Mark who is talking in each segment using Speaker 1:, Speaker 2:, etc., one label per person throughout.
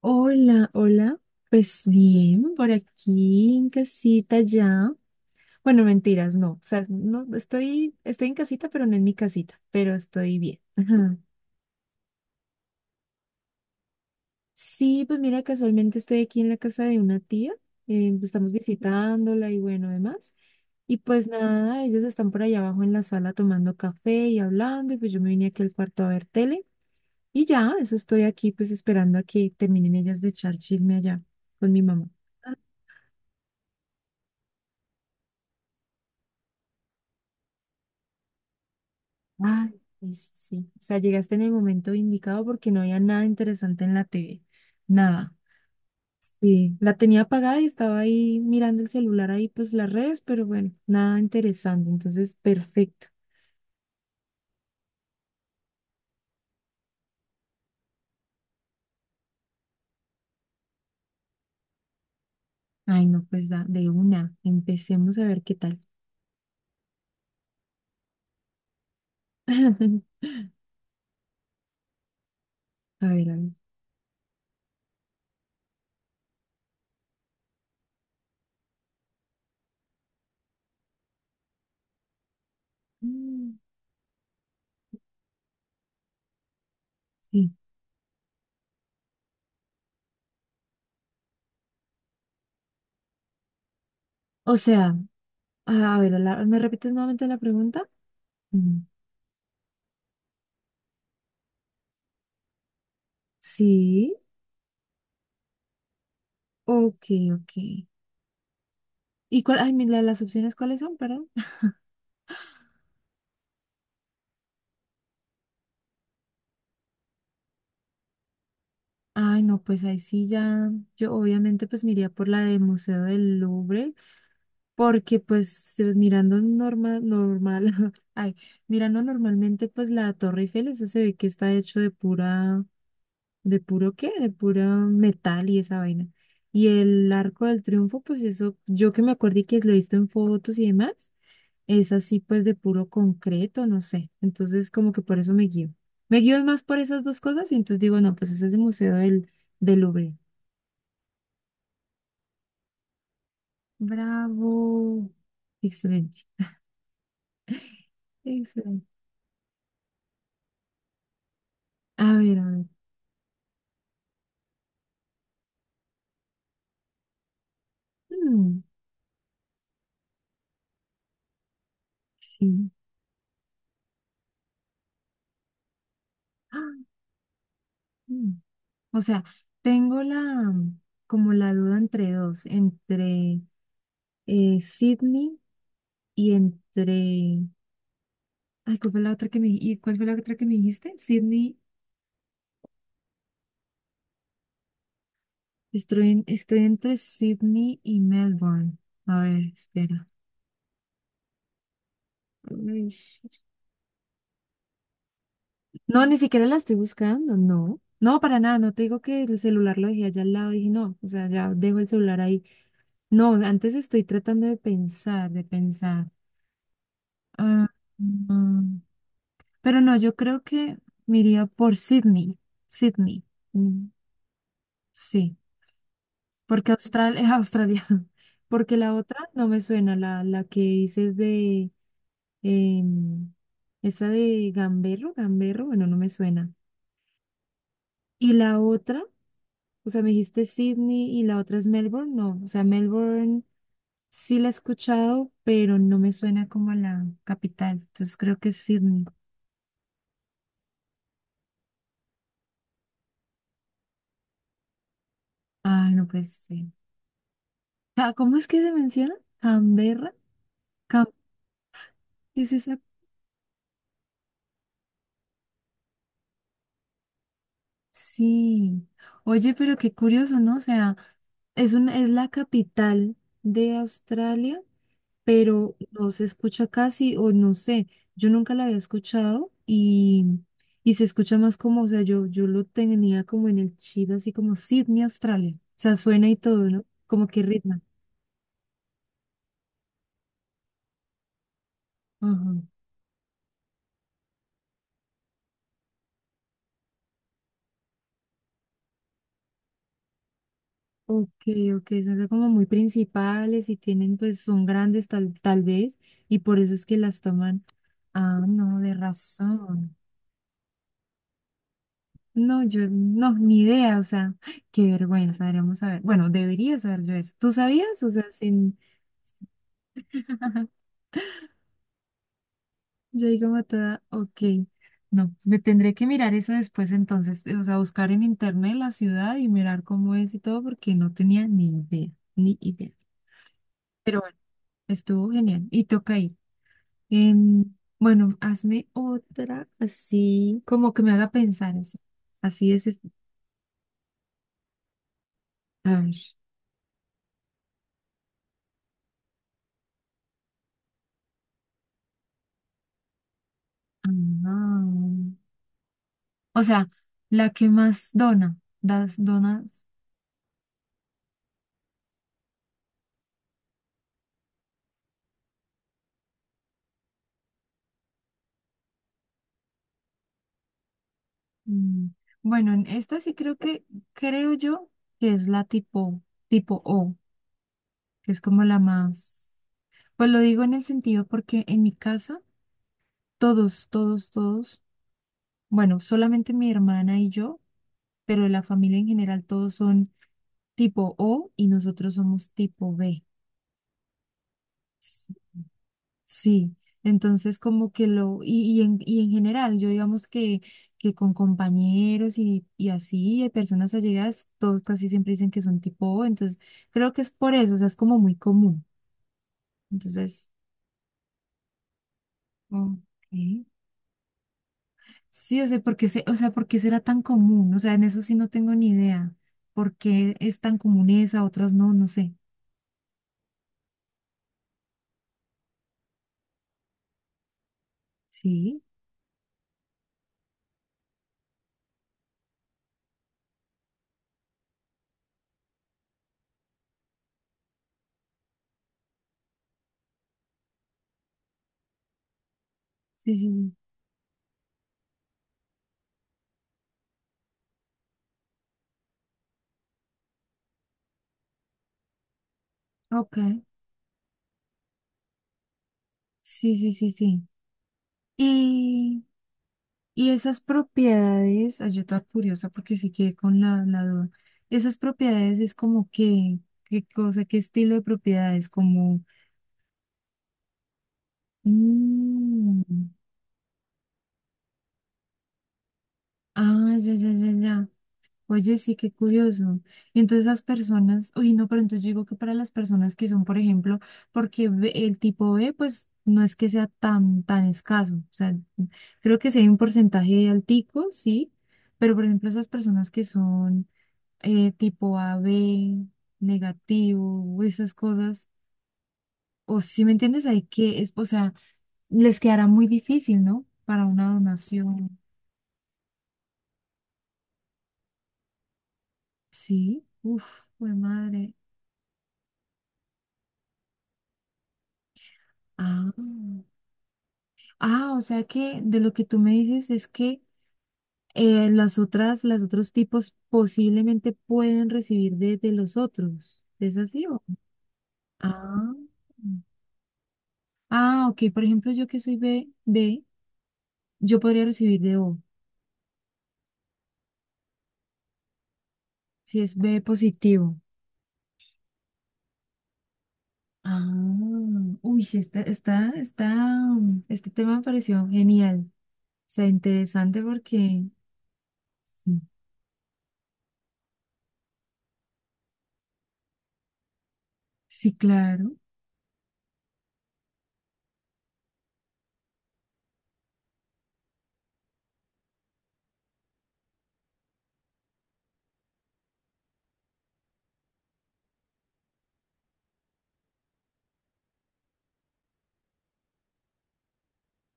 Speaker 1: Hola, hola. Pues bien, por aquí en casita ya. Bueno, mentiras, no. O sea, no estoy, estoy en casita, pero no en mi casita, pero estoy bien. Ajá. Sí, pues mira, casualmente estoy aquí en la casa de una tía. Estamos visitándola y bueno, demás. Y pues nada, ellas están por allá abajo en la sala tomando café y hablando, y pues yo me vine aquí al cuarto a ver tele. Y ya, eso estoy aquí pues esperando a que terminen ellas de echar chisme allá con mi mamá. Ah, sí, sí, sí. O sea, llegaste en el momento indicado porque no había nada interesante en la TV. Nada. Sí, la tenía apagada y estaba ahí mirando el celular ahí, pues las redes, pero bueno, nada interesante. Entonces, perfecto. Ay, no, pues da, de una. Empecemos a ver qué tal. A ver, a ver. Mm, sí. O sea, a ver, ¿me repites nuevamente la pregunta? Mm, sí, ok, ok. ¿Y cuál, ay, las opciones cuáles son, perdón? Ay, no, pues ahí sí ya, yo obviamente pues me iría por la de Museo del Louvre, porque pues mirando normal, normal, ay, mirando normalmente pues la Torre Eiffel, eso se ve que está hecho de pura, de puro qué, de pura metal y esa vaina. Y el Arco del Triunfo, pues eso, yo que me acuerdo y que lo he visto en fotos y demás, es así pues de puro concreto, no sé. Entonces como que por eso me guío. Me guío más por esas dos cosas y entonces digo, no, pues ese es el Museo del, del Louvre. Bravo. Excelente. Excelente. A ver, a ver. Mm, sí. Ah, mm. O sea, tengo la como la duda entre dos, entre Sydney y entre. Ay, ¿cuál fue la otra que me, y cuál fue la otra que me dijiste? Sydney. Estoy entre Sydney y Melbourne. A ver, espera. Uy. No, ni siquiera la estoy buscando, no. No, para nada, no te digo que el celular lo dejé allá al lado y dije, no, o sea, ya dejo el celular ahí. No, antes estoy tratando de pensar, de pensar. Ah, mm, pero no, yo creo que me iría por Sydney, Sydney. Mm, sí, porque Australia es Australia, porque la otra no me suena, la que dices de, em, esa de Gamberro, Gamberro, bueno, no me suena. Y la otra. O sea, me dijiste Sydney y la otra es Melbourne. No, o sea, Melbourne sí la he escuchado, pero no me suena como a la capital. Entonces creo que es Sydney. Ah, no, pues sí. Ah, ¿cómo es que se menciona? Canberra. Cam- ¿Qué es esa? Sí. Oye, pero qué curioso, ¿no? O sea, es la capital de Australia, pero no se escucha casi, o no sé, yo nunca la había escuchado y se escucha más como, o sea, yo lo tenía como en el chip, así como Sydney, Australia. O sea, suena y todo, ¿no? Como que ritmo. Ajá. Ok, ok, son como muy principales y tienen, pues, son grandes tal vez, y por eso es que las toman. Ah, no, de razón. No, yo no, ni idea, o sea, qué vergüenza, deberíamos saber. Bueno, debería saber yo eso. ¿Tú sabías? O sea, sin. Yo digo matada, ok. No, me tendré que mirar eso después entonces, o sea, buscar en internet la ciudad y mirar cómo es y todo, porque no tenía ni idea, ni idea. Pero bueno, estuvo genial y toca ir. Em, bueno, hazme otra así, como que me haga pensar así. Así es. A ver. Ah, o sea, la que más dona, das donas. Mm, Bueno, en esta sí creo yo que es la tipo O, que es como la más, pues lo digo en el sentido porque en mi casa todos, todos, todos, bueno, solamente mi hermana y yo, pero la familia en general todos son tipo O y nosotros somos tipo B. Sí, entonces como que lo, y, en, y en general, yo digamos que con compañeros y así, personas allegadas, todos casi siempre dicen que son tipo O, entonces creo que es por eso, o sea, es como muy común. Entonces, ok. Sí, o sea, porque se, o sea, ¿por qué será tan común? O sea, en eso sí no tengo ni idea. ¿Por qué es tan común esa, otras no? No sé. Sí, sí, sí. Ok. Sí, sí, sí, sí. Y esas propiedades, ay, yo toda curiosa porque sí quedé con la duda. Esas propiedades es como que, qué cosa, qué estilo de propiedades, como, mm, ah, ya, ya, ya, ya. Oye, sí, qué curioso. Y entonces las personas, uy, no, pero entonces yo digo que para las personas que son, por ejemplo, porque el tipo B, pues no es que sea tan, tan escaso. O sea, creo que sí hay un porcentaje altico, sí, pero por ejemplo, esas personas que son tipo A B negativo, esas cosas. O si me entiendes, hay que, es, o sea, les quedará muy difícil, ¿no? Para una donación. Sí, uf, fue madre. Ah. Ah, o sea que de lo que tú me dices es que las otras, los otros tipos posiblemente pueden recibir de los otros. ¿Es así? Ah. Ah, ok. Por ejemplo, yo que soy B, yo podría recibir de O, si es B positivo. Ah, uy, sí, está, está, está, este tema me pareció genial. O sea, interesante porque, sí, sí, claro.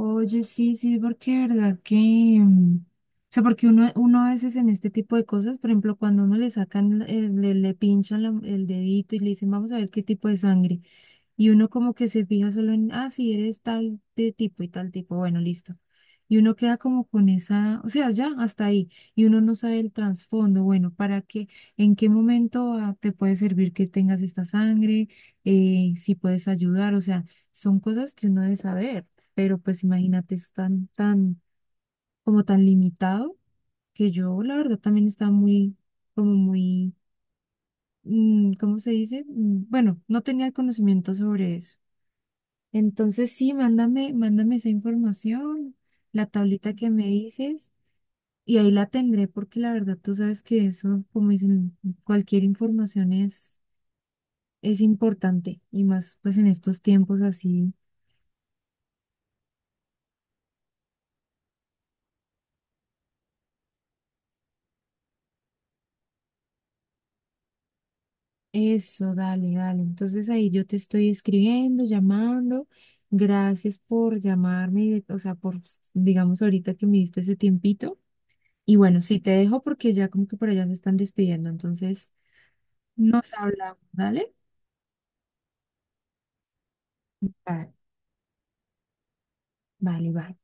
Speaker 1: Oye, sí, sí, porque de verdad que, o sea, porque uno a veces en este tipo de cosas, por ejemplo, cuando uno le sacan, le pinchan el dedito y le dicen, vamos a ver qué tipo de sangre. Y uno como que se fija solo en, ah, sí, eres tal de tipo y tal tipo, bueno, listo. Y uno queda como con esa, o sea, ya hasta ahí. Y uno no sabe el trasfondo, bueno, para qué, en qué momento te puede servir que tengas esta sangre, si puedes ayudar, o sea, son cosas que uno debe saber. Pero pues imagínate, es tan, tan, como tan limitado que yo, la verdad, también estaba muy, como muy, ¿cómo se dice? Bueno, no tenía el conocimiento sobre eso. Entonces sí, mándame esa información, la tablita que me dices, y ahí la tendré porque la verdad tú sabes que eso, como dicen, cualquier información es importante y más pues en estos tiempos así. Eso, dale, dale. Entonces ahí yo te estoy escribiendo, llamando. Gracias por llamarme, y o sea, por, digamos, ahorita que me diste ese tiempito. Y bueno, sí, te dejo porque ya como que por allá se están despidiendo, entonces nos hablamos, ¿dale? Dale. Vale, vale.